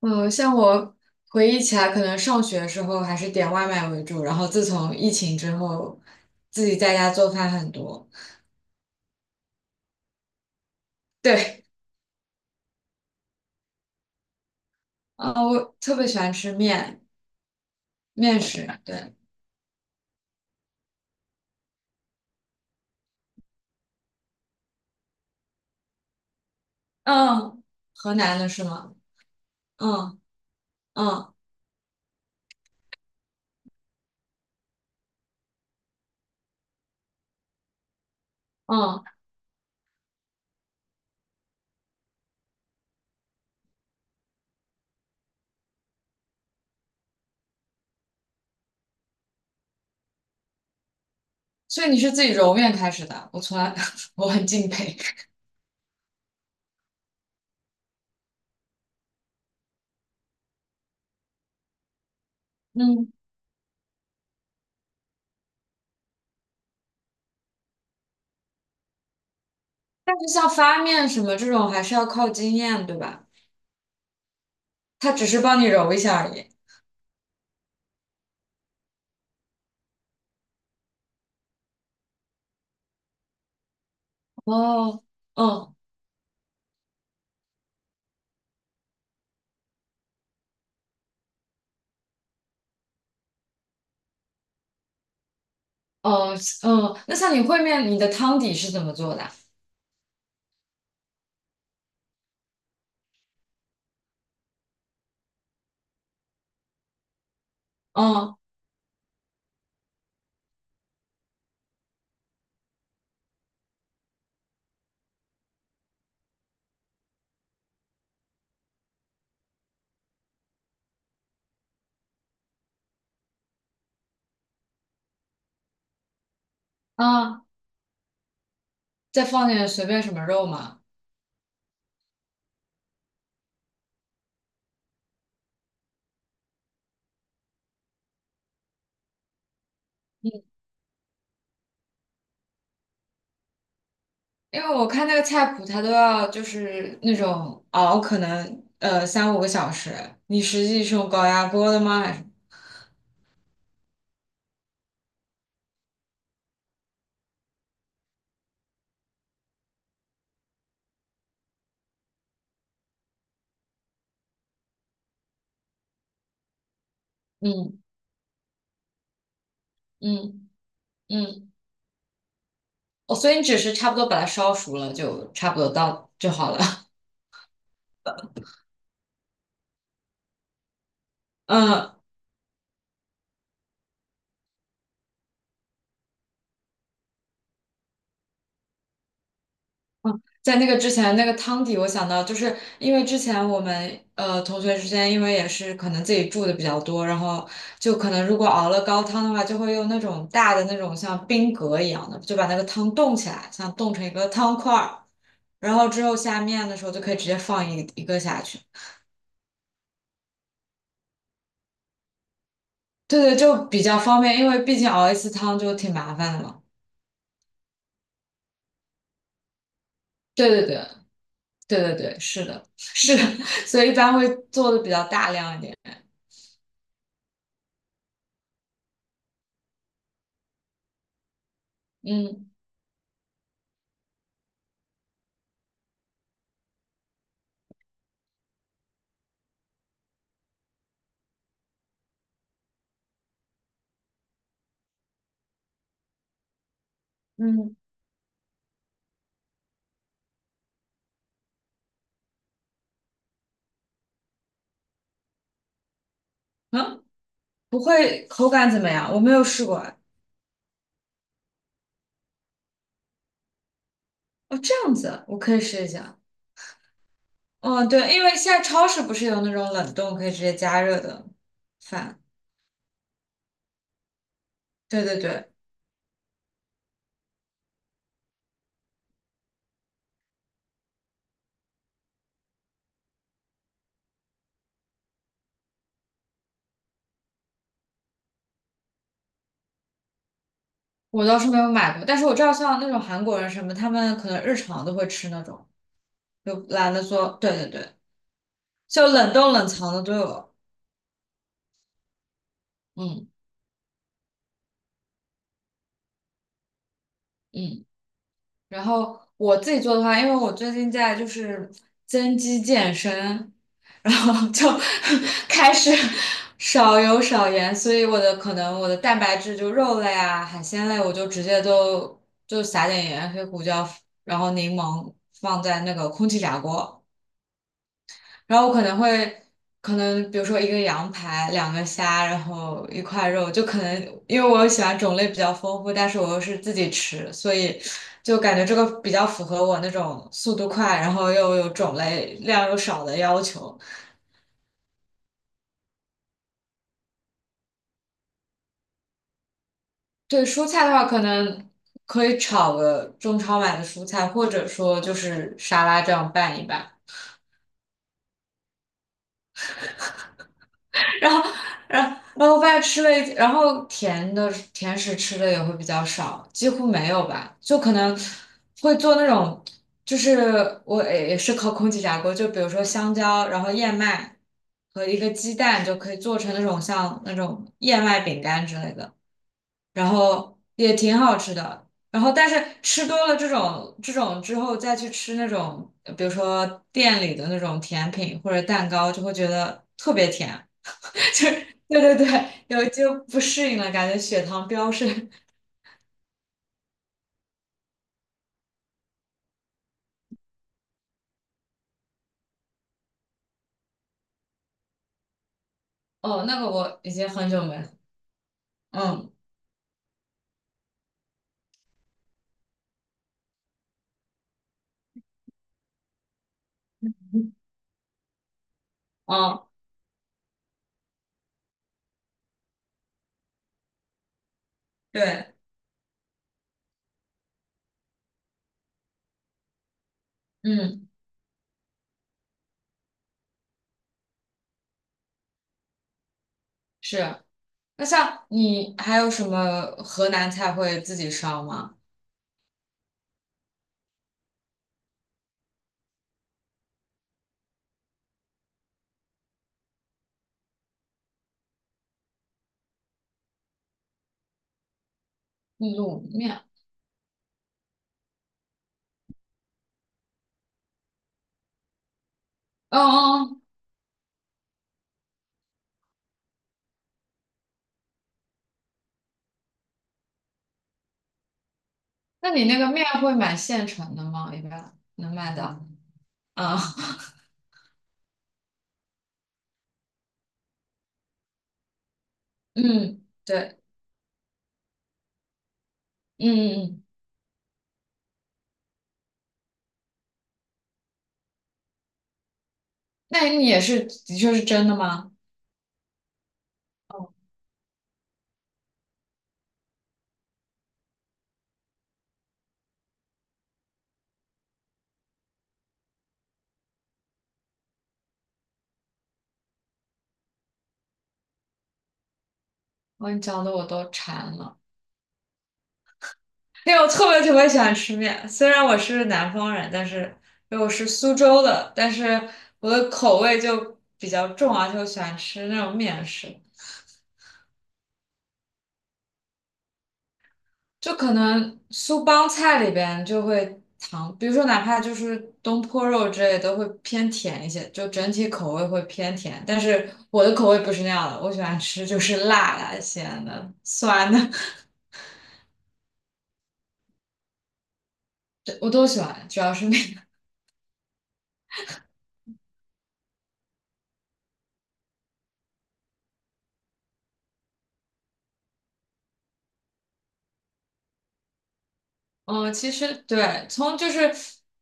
嗯，像我回忆起来，可能上学的时候还是点外卖为主，然后自从疫情之后，自己在家做饭很多。对。啊、我特别喜欢吃面，面食。对。嗯，河南的是吗？嗯嗯嗯。所以你是自己揉面开始的，我从来 我很敬佩。嗯，但是像发面什么这种还是要靠经验，对吧？它只是帮你揉一下而已。哦。嗯哦。那像你烩面，你的汤底是怎么做的啊？嗯啊，再放点随便什么肉嘛。因为我看那个菜谱，它都要就是那种熬，可能三五个小时。你实际是用高压锅的吗？还是嗯嗯嗯。哦，所以你只是差不多把它烧熟了，就差不多到就好了。嗯。在那个之前，那个汤底我想到，就是因为之前我们同学之间，因为也是可能自己住的比较多，然后就可能如果熬了高汤的话，就会用那种大的那种像冰格一样的，就把那个汤冻起来，像冻成一个汤块儿，然后之后下面的时候就可以直接放一个下去。对对，就比较方便，因为毕竟熬一次汤就挺麻烦的嘛。对对对对对对，是的，是的，所以一般会做的比较大量一点。嗯嗯嗯。不会口感怎么样？我没有试过哎。哦，这样子啊，我可以试一下。嗯，对，因为现在超市不是有那种冷冻可以直接加热的饭？对对对，我倒是没有买过，但是我知道像那种韩国人什么，他们可能日常都会吃那种，就懒得做。对对对，就冷冻冷藏的都有。嗯嗯。然后我自己做的话，因为我最近在就是增肌健身，然后就 开始少油少盐，所以可能我的蛋白质就肉类啊、海鲜类，我就直接都就撒点盐、黑胡椒，然后柠檬放在那个空气炸锅。然后我可能会，可能比如说一个羊排，两个虾，然后一块肉，就可能因为我喜欢种类比较丰富，但是我又是自己吃，所以就感觉这个比较符合我那种速度快，然后又有种类量又少的要求。对蔬菜的话，可能可以炒个中超买的蔬菜，或者说就是沙拉这样拌一拌。然后，然后发现吃了一，然后甜食吃的也会比较少，几乎没有吧，就可能会做那种，就是我也是靠空气炸锅，就比如说香蕉，然后燕麦和一个鸡蛋就可以做成像那种燕麦饼干之类的，然后也挺好吃的。然后，但是吃多了这种之后，再去吃那种，比如说店里的那种甜品或者蛋糕，就会觉得特别甜。对对对，有就不适应了，感觉血糖飙升。哦，那个我已经很久没喝，嗯，哦，对，嗯，是。那像你还有什么河南菜会自己烧吗？卤面。哦哦哦。那你那个面会买现成的吗？一般能买到？啊，嗯，对，嗯嗯嗯，那你也是，的确是真的吗？哦，我跟你讲的我都馋了。因为我特别特别喜欢吃面，虽然我是南方人，但是因为我是苏州的，但是我的口味就比较重啊，而且我喜欢吃那种面食，就可能苏帮菜里边就会糖，比如说哪怕就是东坡肉之类都会偏甜一些，就整体口味会偏甜，但是我的口味不是那样的，我喜欢吃就是辣的、咸的、酸的。我都喜欢，主要是面。嗯，其实对，从就是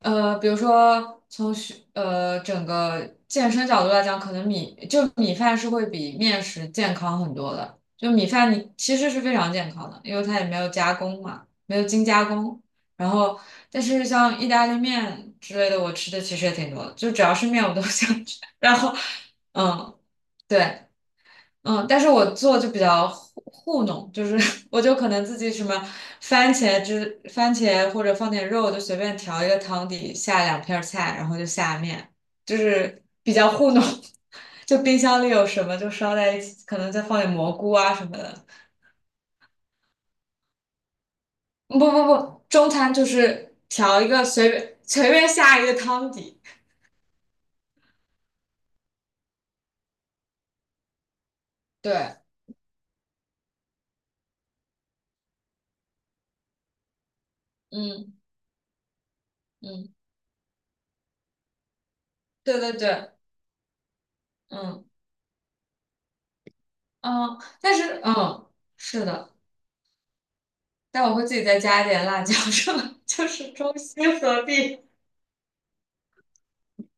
比如说从学整个健身角度来讲，可能米饭是会比面食健康很多的。就米饭你其实是非常健康的，因为它也没有加工嘛，没有精加工。然后，但是像意大利面之类的，我吃的其实也挺多的，就只要是面我都 想吃。然后，嗯，对。嗯，但是我做就比较糊弄，就是 我就可能自己什么番茄汁、番茄或者放点肉，就随便调一个汤底，下两片儿菜，然后就下面，就是比较糊弄。就冰箱里有什么就烧在一起，可能再放点蘑菇啊什么的。不不不，中餐就是调一个随便下一个汤底。对，嗯嗯，对对对，嗯嗯，但是是的。但我会自己再加一点辣椒，是吧？就是中西合璧，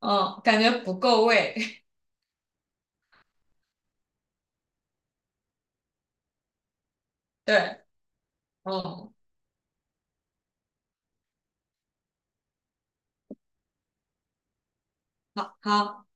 嗯，感觉不够味，对，嗯。好。